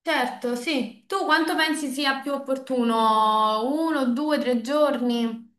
Certo, sì. Tu quanto pensi sia più opportuno? Uno, due, tre giorni?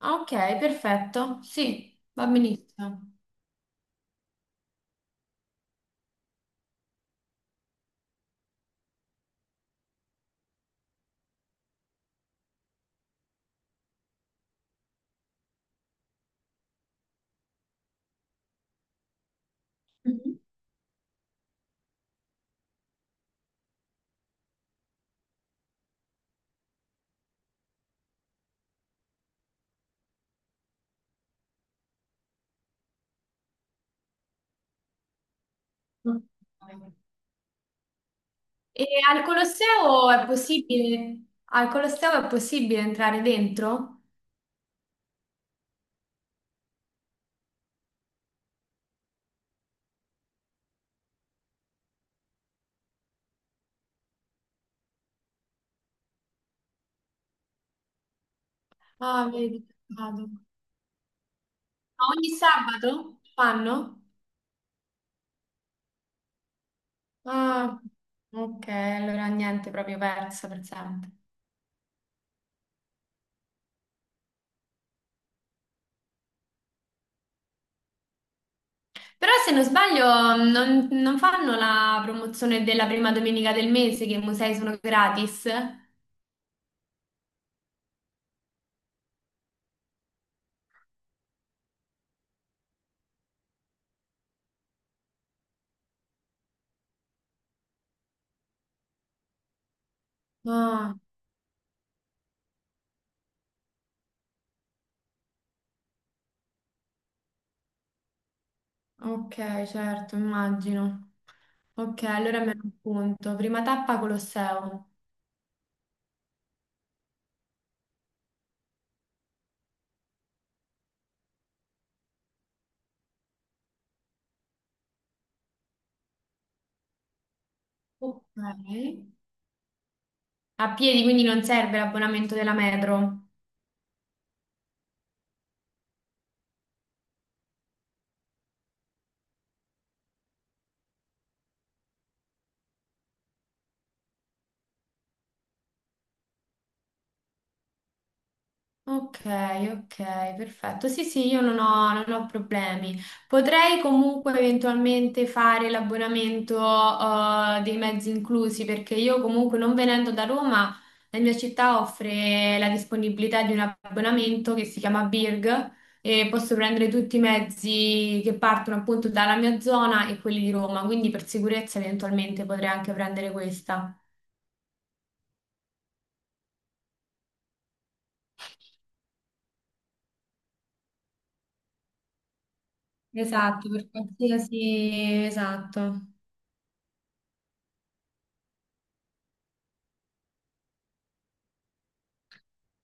Ah, Ok, perfetto. Sì, va benissimo. Mhm. E al Colosseo è possibile? Al Colosseo è possibile entrare dentro? Ah, vedi, peccato. Ma ogni sabato fanno? Ah, ok, allora niente, proprio persa per sempre. Però se non sbaglio non fanno la promozione della prima domenica del mese che i musei sono gratis? Ah, ok, certo, immagino. Ok, allora me lo appunto. Prima tappa Colosseo. Ok. A piedi, quindi non serve l'abbonamento della metro. Ok, ok, perfetto. Sì, sì, io non ho, non ho problemi. Potrei comunque eventualmente fare l'abbonamento, dei mezzi inclusi, perché io comunque non venendo da Roma, la mia città offre la disponibilità di un abbonamento che si chiama Birg e posso prendere tutti i mezzi che partono appunto dalla mia zona e quelli di Roma, quindi per sicurezza eventualmente potrei anche prendere questa. Esatto, per qualsiasi, esatto.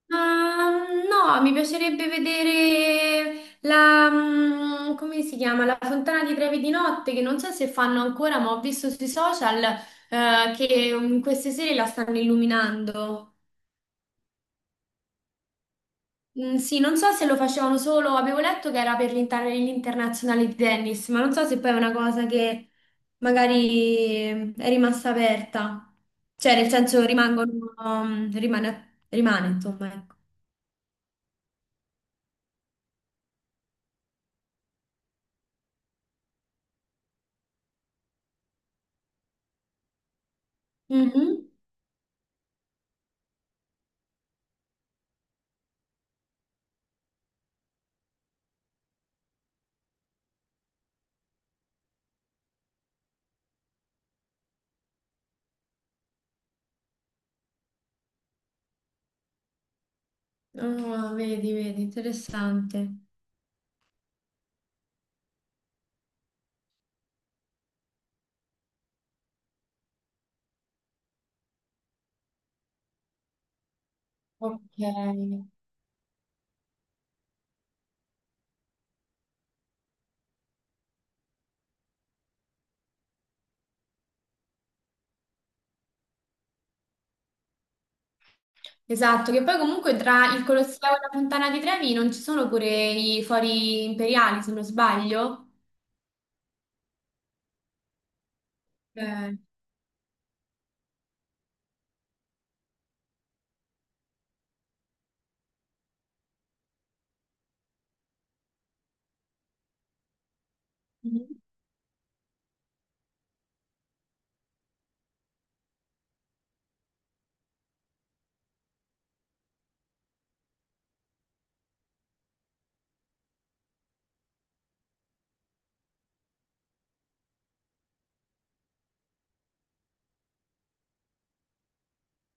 Ma, no, mi piacerebbe vedere la, come si chiama? La Fontana di Trevi di notte, che non so se fanno ancora, ma ho visto sui social, che queste sere la stanno illuminando. Mm, sì, non so se lo facevano solo, avevo letto che era per l'internazionale di tennis, ma non so se poi è una cosa che magari è rimasta aperta. Cioè, nel senso rimangono, rimane, insomma, ecco. Ah, vedi, vedi, interessante. Ok. Esatto, che poi comunque tra il Colosseo e la Fontana di Trevi non ci sono pure i fori imperiali, se non sbaglio. Eh, mhm.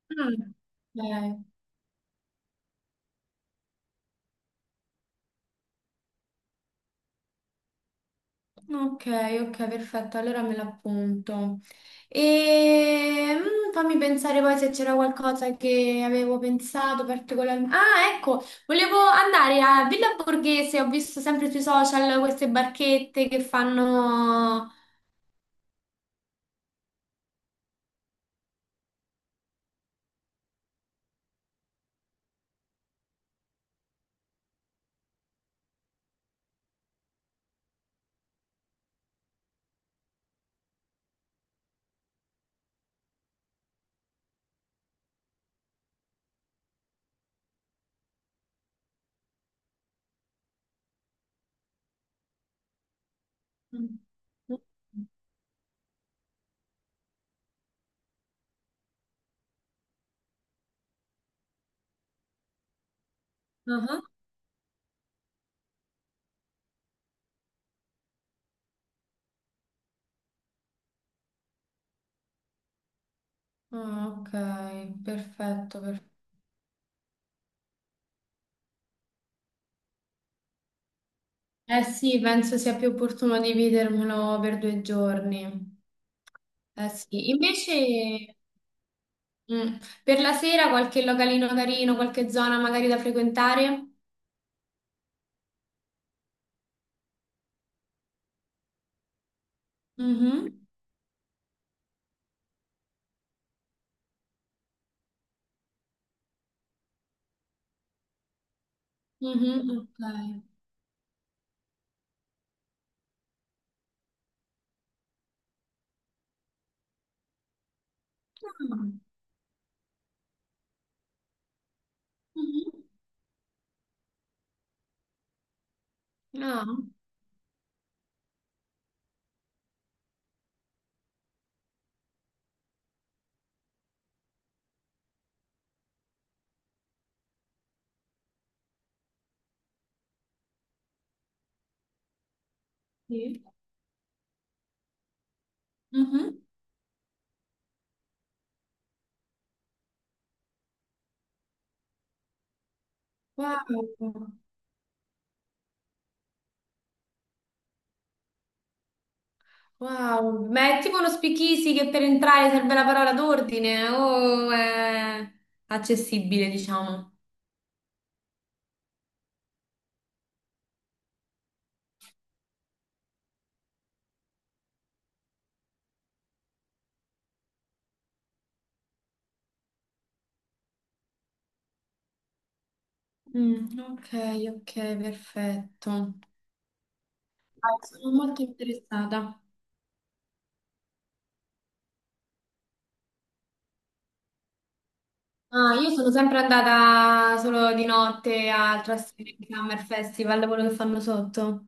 Mm, ok. Ok, ok, perfetto, allora me l'appunto. E fammi pensare poi se c'era qualcosa che avevo pensato particolarmente. Ah, ecco, volevo andare a Villa Borghese, ho visto sempre sui social queste barchette che fanno... Ah, ah, ok, perfetto, perfetto. Eh sì, penso sia più opportuno dividermelo per due giorni. Eh sì, invece... Mm. Per la sera qualche localino carino, qualche zona magari da frequentare? Mhm. Mhm, Ok. Ah, mhm. Ah, sì. Mhm. Wow. Wow. Ma è tipo uno speakeasy che per entrare serve la parola d'ordine o è accessibile, diciamo? Mm, ok, ok, perfetto. Ah, sono molto interessata. Ah, io sono sempre andata solo di notte al Trastevere Summer Festival, quello che fanno sotto.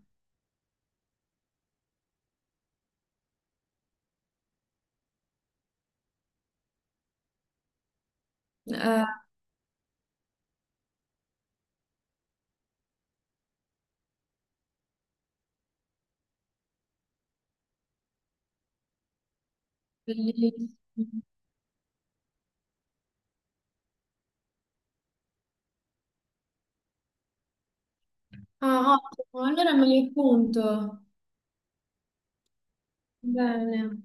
Eh, bellissimo. Ah, ottimo, allora me li appunto. Bene,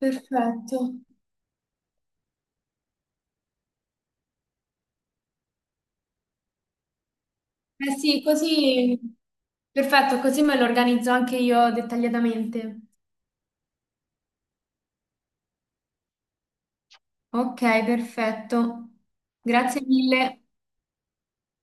perfetto. Eh sì, così, perfetto, così me lo organizzo anche io dettagliatamente. Ok, perfetto. Grazie mille.